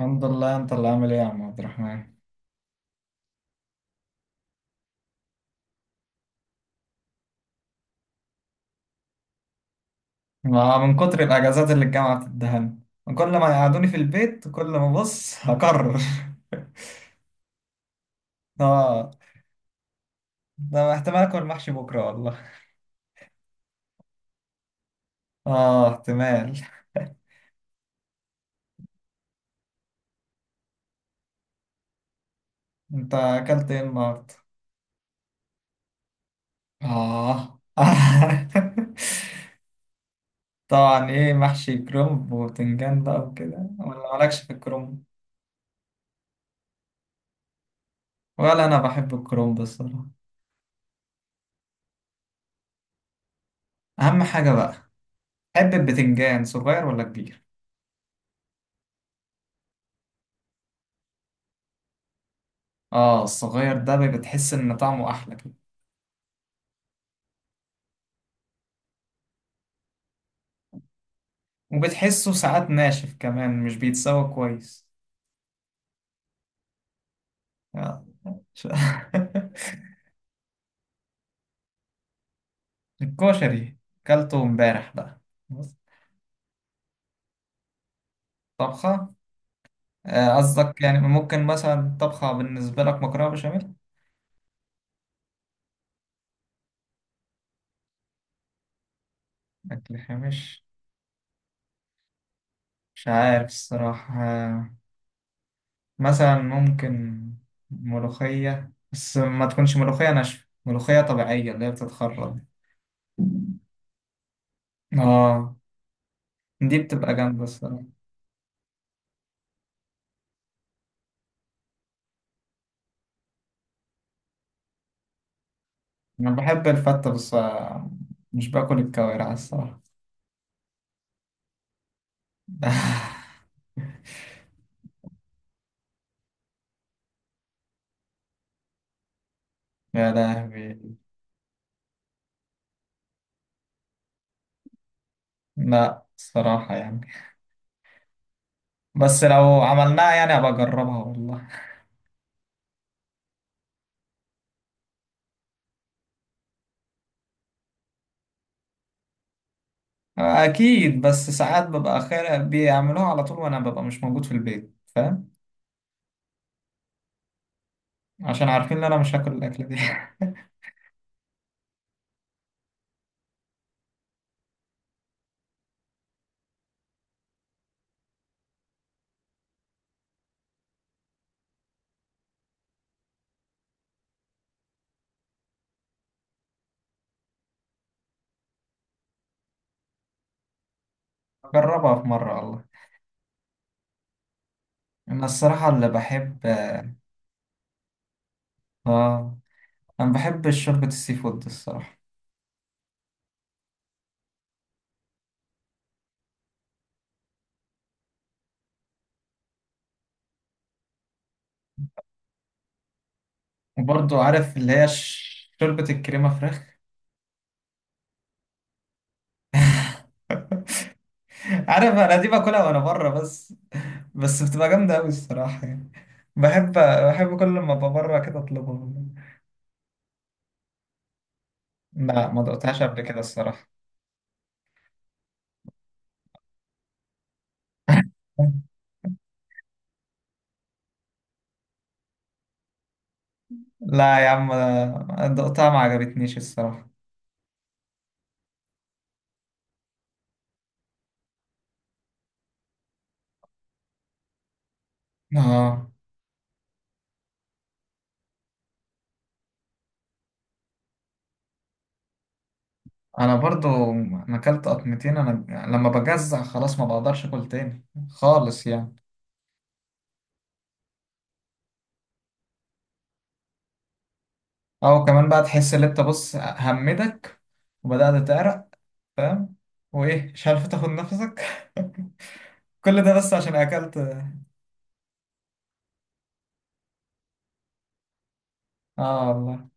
الحمد لله، انت اللي عامل ايه يا عم عبد الرحمن؟ ما من كتر الاجازات اللي الجامعه بتدهن، كل ما يقعدوني في البيت كل ما بص هكرر. اه، ده احتمال اكل محشي بكره والله. اه احتمال. انت اكلت ايه النهارده؟ اه. طبعا، ايه؟ محشي كرنب وبتنجان بقى وكده، ولا مالكش في الكرنب؟ ولا انا بحب الكرنب الصراحه. اهم حاجه بقى. تحب البتنجان صغير ولا كبير؟ اه الصغير ده بتحس ان طعمه احلى كده. وبتحسه ساعات ناشف كمان، مش بيتسوى كويس. آه. ش- الكشري، كلته امبارح بقى. بص، طبخة. قصدك يعني ممكن مثلا طبخة بالنسبة لك مكرونة بشاميل. أكل خامش. مش عارف الصراحة. مثلا ممكن ملوخية، بس ما تكونش ملوخية ناشفة، ملوخية طبيعية اللي هي بتتخرط. اه، دي بتبقى جامدة الصراحة. أنا بحب الفتة بس. مش باكل الكوارع الصراحة. يا لهوي. لا الصراحة يعني، بس لو عملناها يعني أبقى أجربها والله. أكيد، بس ساعات ببقى خير بيعملوها على طول وأنا ببقى مش موجود في البيت فاهم؟ عشان عارفين إن أنا مش هاكل الأكلة دي. أجربها في مرة والله. أنا الصراحة اللي بحب. آه. أنا بحب شوربة السي فود الصراحة. وبرضو عارف اللي هي شوربة الكريمة فراخ. عارف انا دي باكلها وانا بره بس. بس بتبقى جامده قوي الصراحه يعني. بحب بحب كل ما ابقى بره كده اطلبها. لا، ما دقتهاش قبل كده الصراحه. لا يا عم، أنا دقتها ما عجبتنيش الصراحه. اه. انا برضو انا اكلت قطمتين انا، لما بجزع خلاص ما بقدرش اكل تاني خالص يعني. او كمان بقى تحس ان انت بص همدك، وبدات تعرق، فاهم؟ وايه، مش عارف تاخد نفسك. كل ده بس عشان اكلت. اه والله.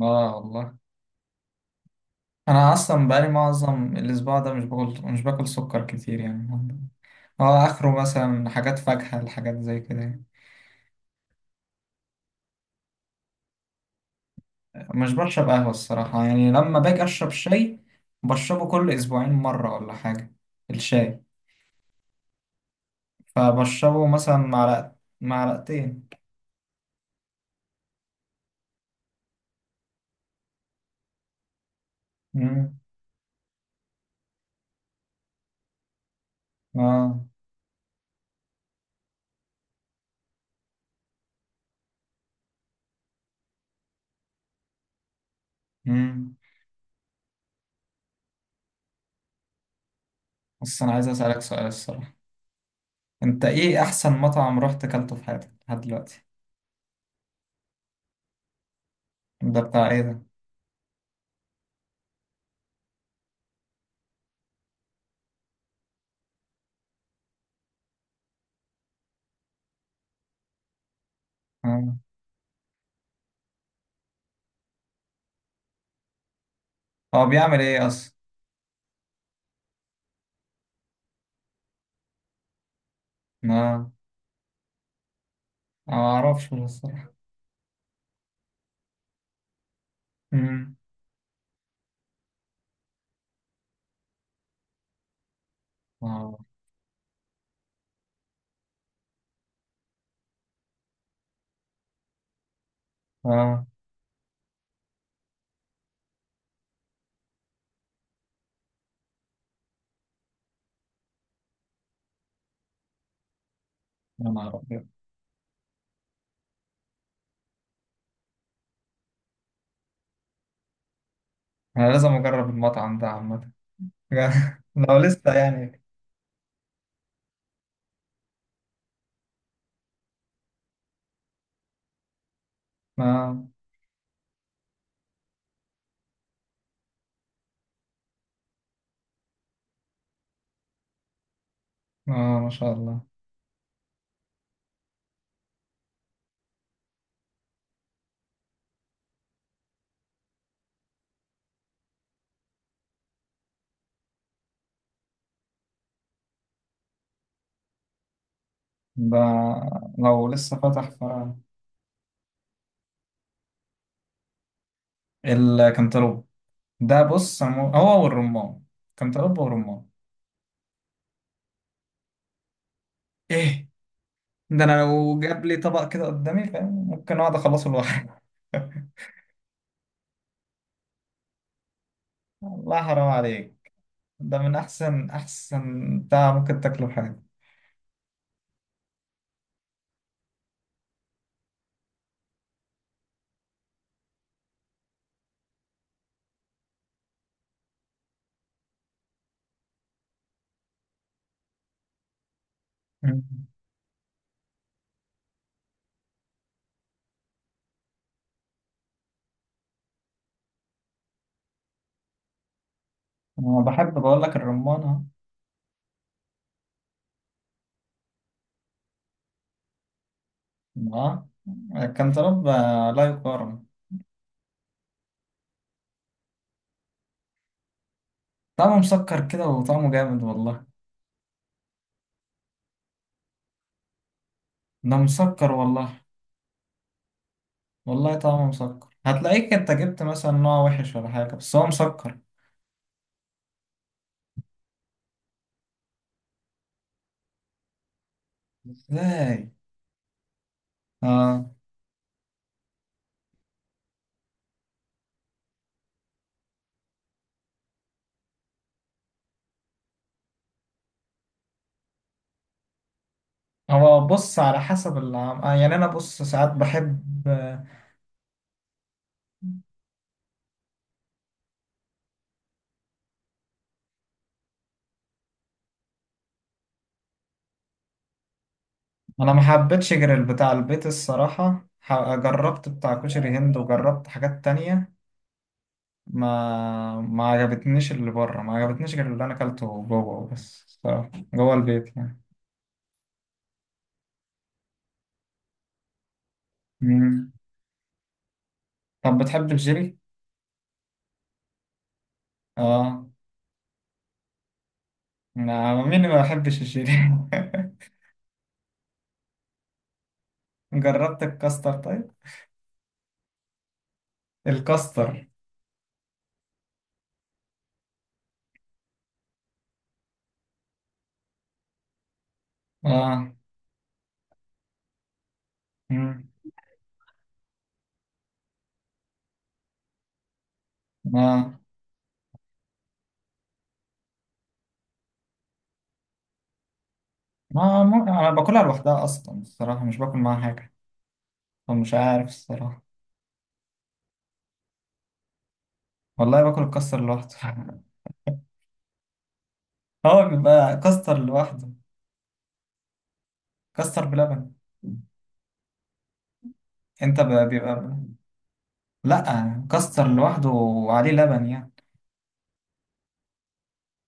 اه والله. انا اصلا بقالي معظم الاسبوع ده مش باكل سكر كتير يعني. اه اخره مثلا حاجات فاكهة الحاجات زي كده يعني. مش بشرب قهوة الصراحة يعني، لما باجي اشرب شاي بشربه كل اسبوعين مرة ولا حاجة، الشاي. فبشربه مثلا معلقة، معلقتين. امم اه. امم. بس انا عايز اسألك سؤال الصراحة، انت ايه احسن مطعم رحت اكلته في حياتك لحد دلوقتي؟ ده بتاع ايه ده؟ اه. هو بيعمل ايه اصلا؟ اه. ما اعرفش الصراحه. امم. اه. اه. يا نهار ابيض. انا لازم اجرب المطعم ده عامه. لو لسه يعني. اه. اه ما شاء الله. ده لو لسه فتح فرع. الكنتالوب ده، بص أنا هو والرمان. كنتالوب والرمان. ايه ده؟ انا لو جاب لي طبق كده قدامي فاهم ممكن اقعد اخلصه لوحدي. الله حرام عليك. ده من احسن بتاع ممكن تاكله في حياتك. أمم. انا بحب بقول لك الرمان أهو. اه. كان طرب. لا يقارن. طعمه مسكر كده، وطعمه جامد والله. ده مسكر والله. والله طعمه مسكر، هتلاقيك انت جبت مثلا نوع وحش ولا حاجة، بس هو مسكر. ازاي؟ اه. هو بص على حسب العم... آه يعني انا بص ساعات بحب. آه. انا ما حبيتش غير البتاع البيت الصراحة، جربت بتاع كشري هند وجربت حاجات تانية. ما عجبتنيش اللي بره، ما عجبتنيش غير اللي انا اكلته جوه بس الصراحة، جوه البيت يعني. مم. طب بتحب الجيلي؟ اه. نعم، مين ما بيحبش الجيلي؟ جربت الكاستر طيب؟ الكاستر. اه. مم. اه. انا باكلها لوحدها اصلا الصراحة، مش باكل معاها حاجة، فمش عارف الصراحة. والله باكل الكاستر لوحده. هو بيبقى كاستر لوحده، كاستر بلبن. انت بيبقى. لا، كاستر لوحده وعليه لبن يعني،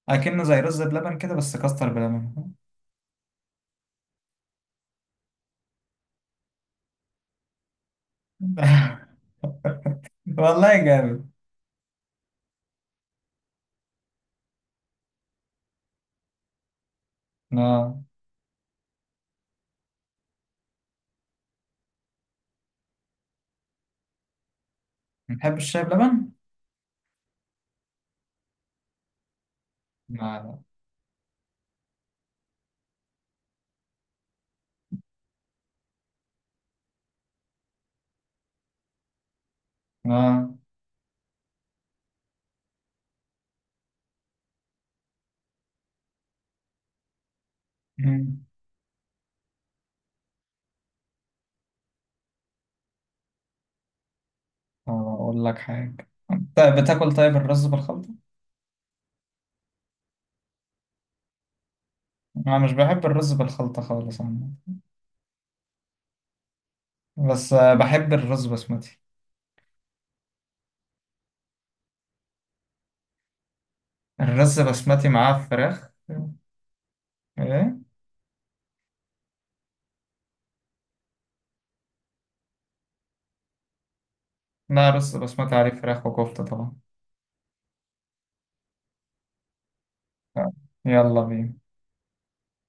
اكنه زي رز بلبن كده بس كاستر بلبن. والله جامد. اه. بتحب الشاي بلبن؟ لا لا. آه. مم. آه، أقول لك حاجة، أنت بتاكل طيب الرز بالخلطة؟ أنا مش بحب الرز بالخلطة خالص عامة. بس آه، بحب الرز بسمتي. الرز بسمتي معاه فراخ. إيه؟ لا، رز بسمتي عليه فراخ وكفتة طبعا. آه. يلا بينا.